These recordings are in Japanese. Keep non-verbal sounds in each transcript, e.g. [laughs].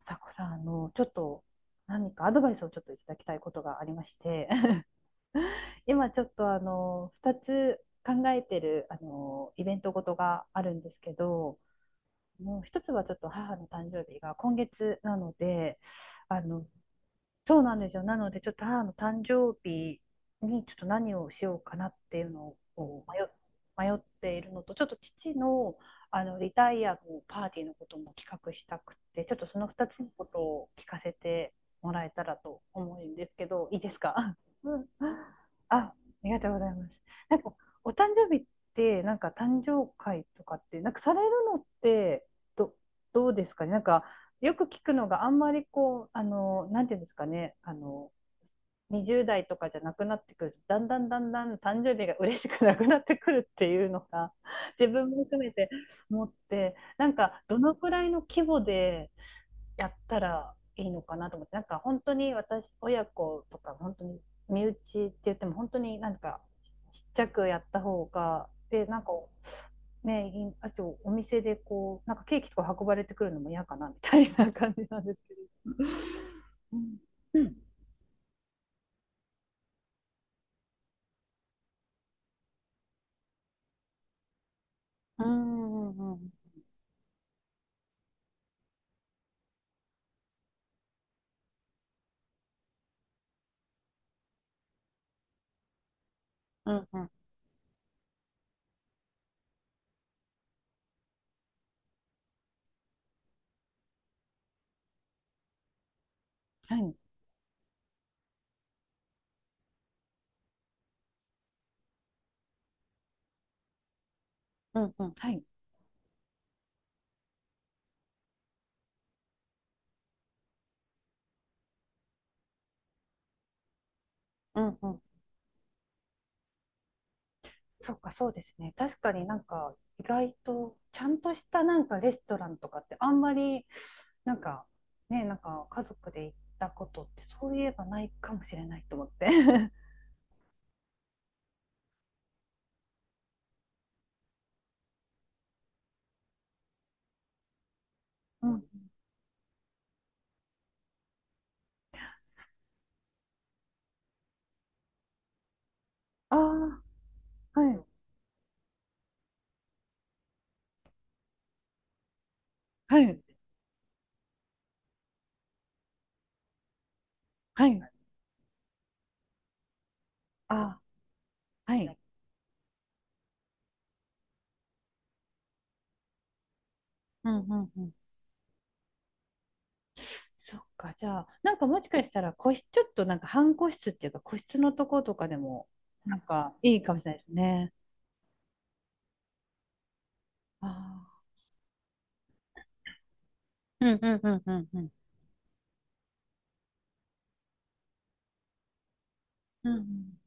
さこさん、ちょっと何かアドバイスをちょっといただきたいことがありまして [laughs]、今ちょっと2つ考えてる、イベントごとがあるんですけど、もう一つはちょっと母の誕生日が今月なので、あの、そうなんですよ。なので、ちょっと母の誕生日にちょっと何をしようかなっていうのを迷っているのと、ちょっと父の、リタイアのパーティーのことも企画したくて、ちょっとその2つのことを聞かせてもらえたらと思うんですけど、いいですか？ [laughs] うん。ありがとうございます。なんか、お誕生日って、なんか誕生会とかって、なんかされるのって、ど、どうですかね。なんか、よく聞くのがあんまりこう、なんていうんですかね、20代とかじゃなくなってくる、だんだんだんだん誕生日が嬉しくなくなってくるっていうのが自分も含めて思って、なんかどのくらいの規模でやったらいいのかなと思って、なんか本当に私親子とか本当に身内って言っても本当になんかちっちゃくやった方がで、なんかねい、あとお店でこうなんかケーキとか運ばれてくるのも嫌かなみたいな感じなんですけど。 [laughs]。うん、うん、うん、うん、うん、うん、はい、うん、うん、はい、うん、うん。そっか、そうですね。確かになんか意外とちゃんとしたなんかレストランとかってあんまりなんかね、なんか家族で行ったことってそういえばないかもしれないと思って。[laughs] うん。ああ、はい。はい。はい。ああ、はい。うん、うん、うん。そっか、じゃあ、なんかもしかしたら個室、ちょっとなんか半個室っていうか個室のとことかでもなんかいいかもしれないですね。ああ。うん、うん、うん、うん、うん。うん、うん、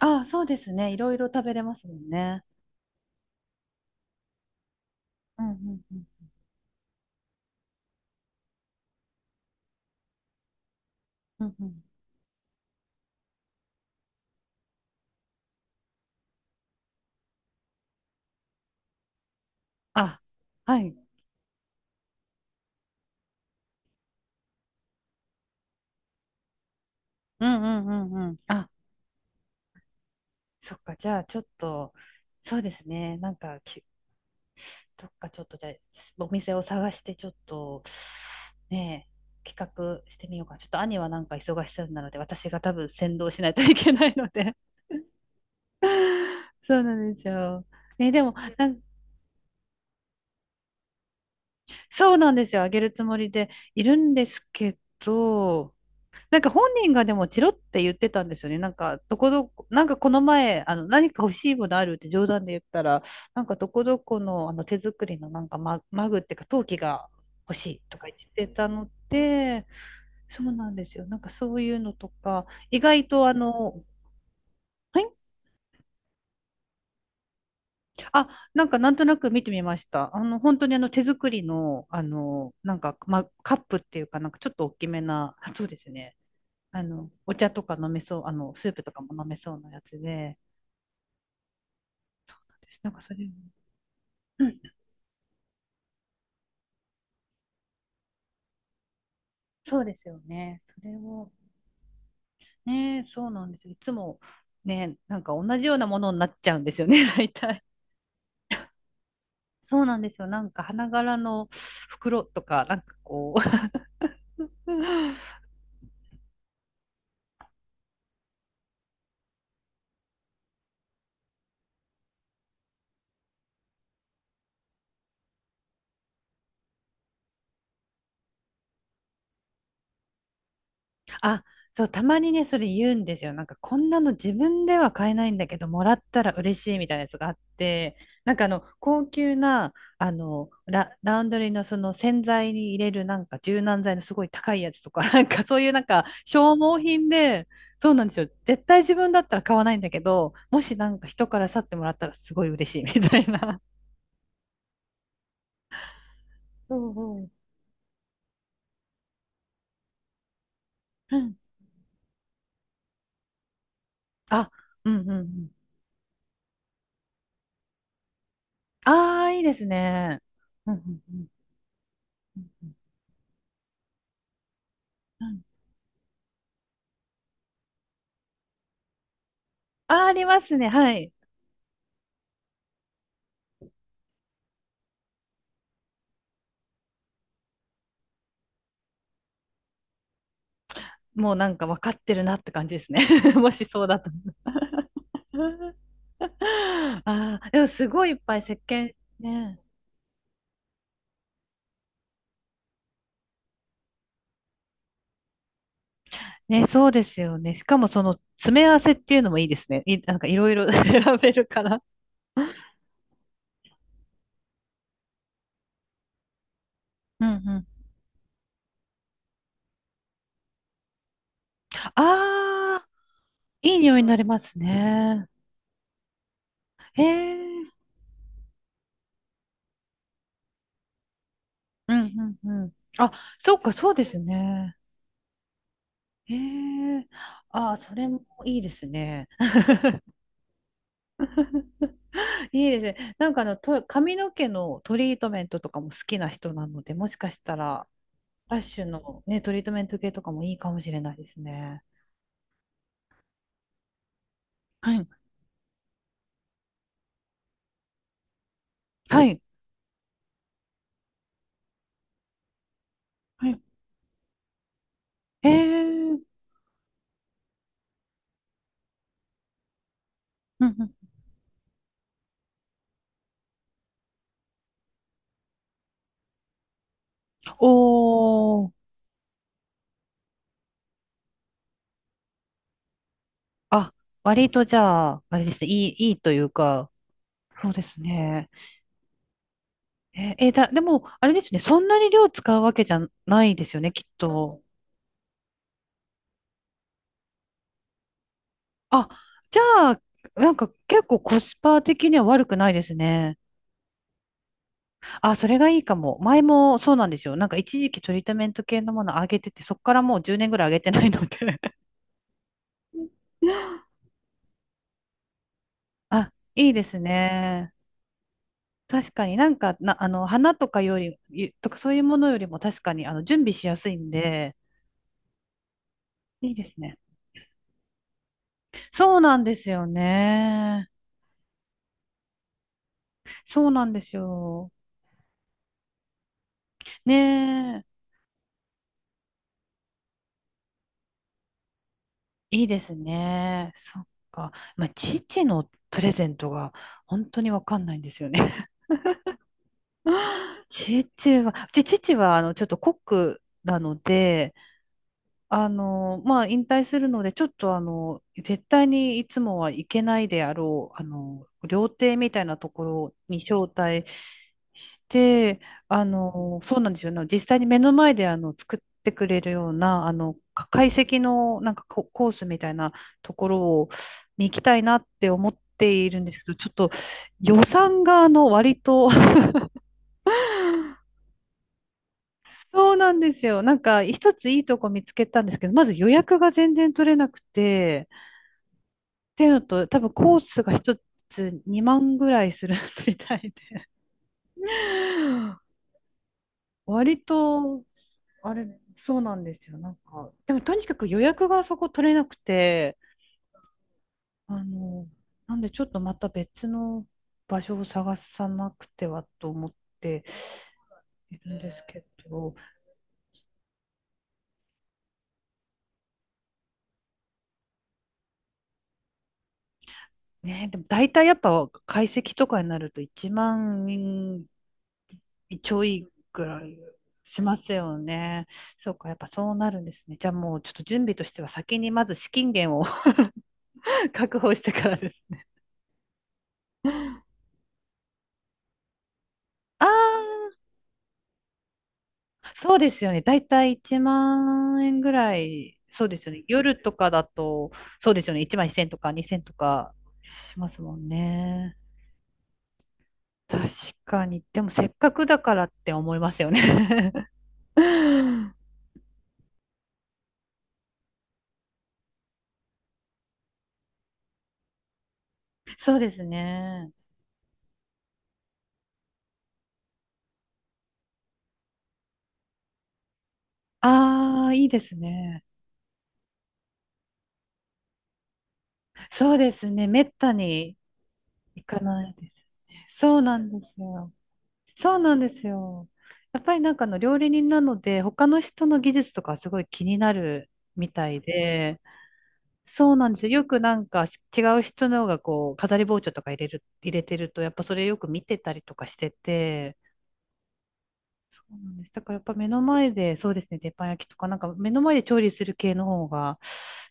ああ、そうですね。いろいろ食べれますもんね。うん、うん、うん。うん、うん。あ、はい。うん、うん、うん、うん。あ、そっか。じゃあ、ちょっと、そうですね。なんか、どっかちょっと、じゃあ、お店を探して、ちょっと、ねえ、企画してみようかな。ちょっと兄はなんか忙しそうなので、私が多分先導しないといけないので。[laughs] そうなんですよ。ね、でも、なん、そうなんですよ。あげるつもりでいるんですけど、なんか本人がでもチロって言ってたんですよね。なんか、どこどこ、なんかこの前、何か欲しいものあるって冗談で言ったら、なんかどこどこの、手作りのなんかマグっていうか陶器が欲しいとか言ってたので、そうなんですよ。なんかそういうのとか、意外とはい。あ、なんかなんとなく見てみました。本当に手作りの、なんか、ま、カップっていうかなんかちょっと大きめな、そうですね。お茶とか飲めそう、スープとかも飲めそうなやつで、なんかそれ、そうですよね。それを、ね、そうなんですよ。いつも、ね、なんか同じようなものになっちゃうんですよね、[laughs] 大体。そうなんですよ。なんか花柄の袋とか、なんかこう。 [laughs] あ、そう、たまにね、それ言うんですよ。なんか、こんなの自分では買えないんだけど、もらったら嬉しいみたいなやつがあって、なんか高級な、ラウンドリーのその洗剤に入れるなんか柔軟剤のすごい高いやつとか、[laughs] なんかそういうなんか消耗品で、そうなんですよ。絶対自分だったら買わないんだけど、もしなんか人から去ってもらったらすごい嬉しいみたいな。うん、うん。うん、あ、うん、うん、うん。ああ、いいですね。うん、うん、うん。うん、うん、あ、ありますね。はい。もうなんか分かってるなって感じですね。[laughs] もしそうだと。[laughs] ああ、でもすごいいっぱい石鹸ね。ね、そうですよね。しかもその詰め合わせっていうのもいいですね。なんかいろいろ [laughs] 選べるから。うん、うん。ああ、いい匂いになりますね。へえ。うん、うん、うん。あ、そうか、そうですね。へえ。ああ、それもいいですね。いいですね。なんか髪の毛のトリートメントとかも好きな人なので、もしかしたら、ラッシュのね、トリートメント系とかもいいかもしれないですね。はい。はい。はい。えー、うん、うん。おー。あ、割とじゃあ、あれですね。いいというか、そうですね。えーえーだ、でも、あれですね。そんなに量使うわけじゃないですよね、きっと。あ、じゃあ、なんか結構コスパ的には悪くないですね。あ、それがいいかも。前もそうなんですよ。なんか一時期トリートメント系のもの上げてて、そこからもう10年ぐらい上げてないので。 [laughs] あ、いいですね。確かになんか、花とかより、とかそういうものよりも確かに、準備しやすいんで、いいですね。そうなんですよね。そうなんですよ。ねえ、いいですね。そっか。まあ、父のプレゼントが本当にわかんないんですよね。父は、ちょっとコックなので、まあ、引退するので、ちょっと、絶対にいつもは行けないであろう、料亭みたいなところに招待して、そうなんですよね。実際に目の前で、作ってくれるような、懐石の、なんかコースみたいなところを、に行きたいなって思っているんですけど、ちょっと、予算が、割と、そうなんですよ。なんか、一ついいとこ見つけたんですけど、まず予約が全然取れなくて、っていうのと、多分コースが一つ2万ぐらいする [laughs] みたいで、割と、あれ、そうなんですよ。なんか、でもとにかく予約がそこ取れなくて、あの、なんでちょっとまた別の場所を探さなくてはと思っているんですけど、ね、でも大体やっぱ解析とかになると1万ちょいぐらいしますよね。そうか、やっぱそうなるんですね。じゃあもうちょっと準備としては先にまず資金源を [laughs] 確保してからですね。ああ、そうですよね。だいたい1万円ぐらい、そうですよね。夜とかだと、そうですよね。1万1千0とか2千0とかしますもんね。確かに。でもせっかくだからって思いますよね。[laughs] そうですね。ああ、いいですね。そうですね。めったに行かないですね。そうなんですよ。そうなんですよ。やっぱりなんかあの料理人なので、他の人の技術とかすごい気になるみたいで、そうなんですよ。よくなんか違う人のがこう、飾り包丁とか入れてると、やっぱそれよく見てたりとかしてて、そうなんです。だからやっぱ目の前で、そうですね、鉄板焼きとか、なんか目の前で調理する系の方が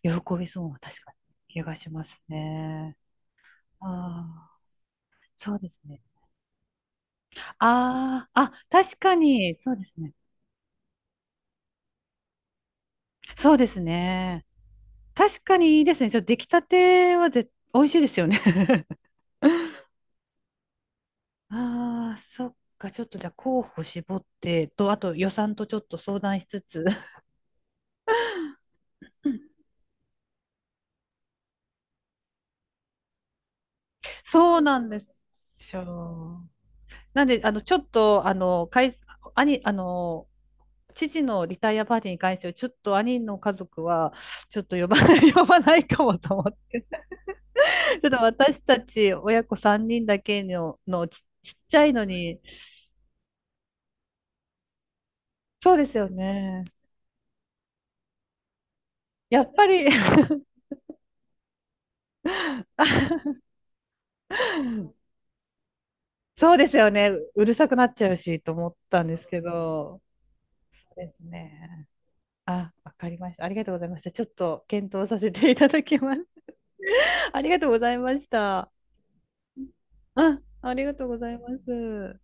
喜びそうな、確かに気がしますね。ああ、そうですね。ああ、確かに、そうですね。そうですね。確かにいいですね。ちょっと出来たては美味しいですよね。[laughs] ああ、そっか。ちょっとじゃあ候補絞ってと、あと予算とちょっと相談しつつ。そうなんですよ。なんで、ちょっと、兄、父のリタイアパーティーに関しては、ちょっと兄の家族は、ちょっと呼ばない、[laughs] 呼ばないかもと思って。ちょっと私たち親子3人だけの、ちっちゃいのに、そうですよね。やっぱり。 [laughs] そうですよね。うるさくなっちゃうしと思ったんですけど、そうですね。あ、わかりました。ありがとうございました。ちょっと検討させていただきます。[laughs] ありがとうございました。あ、ありがとうございます。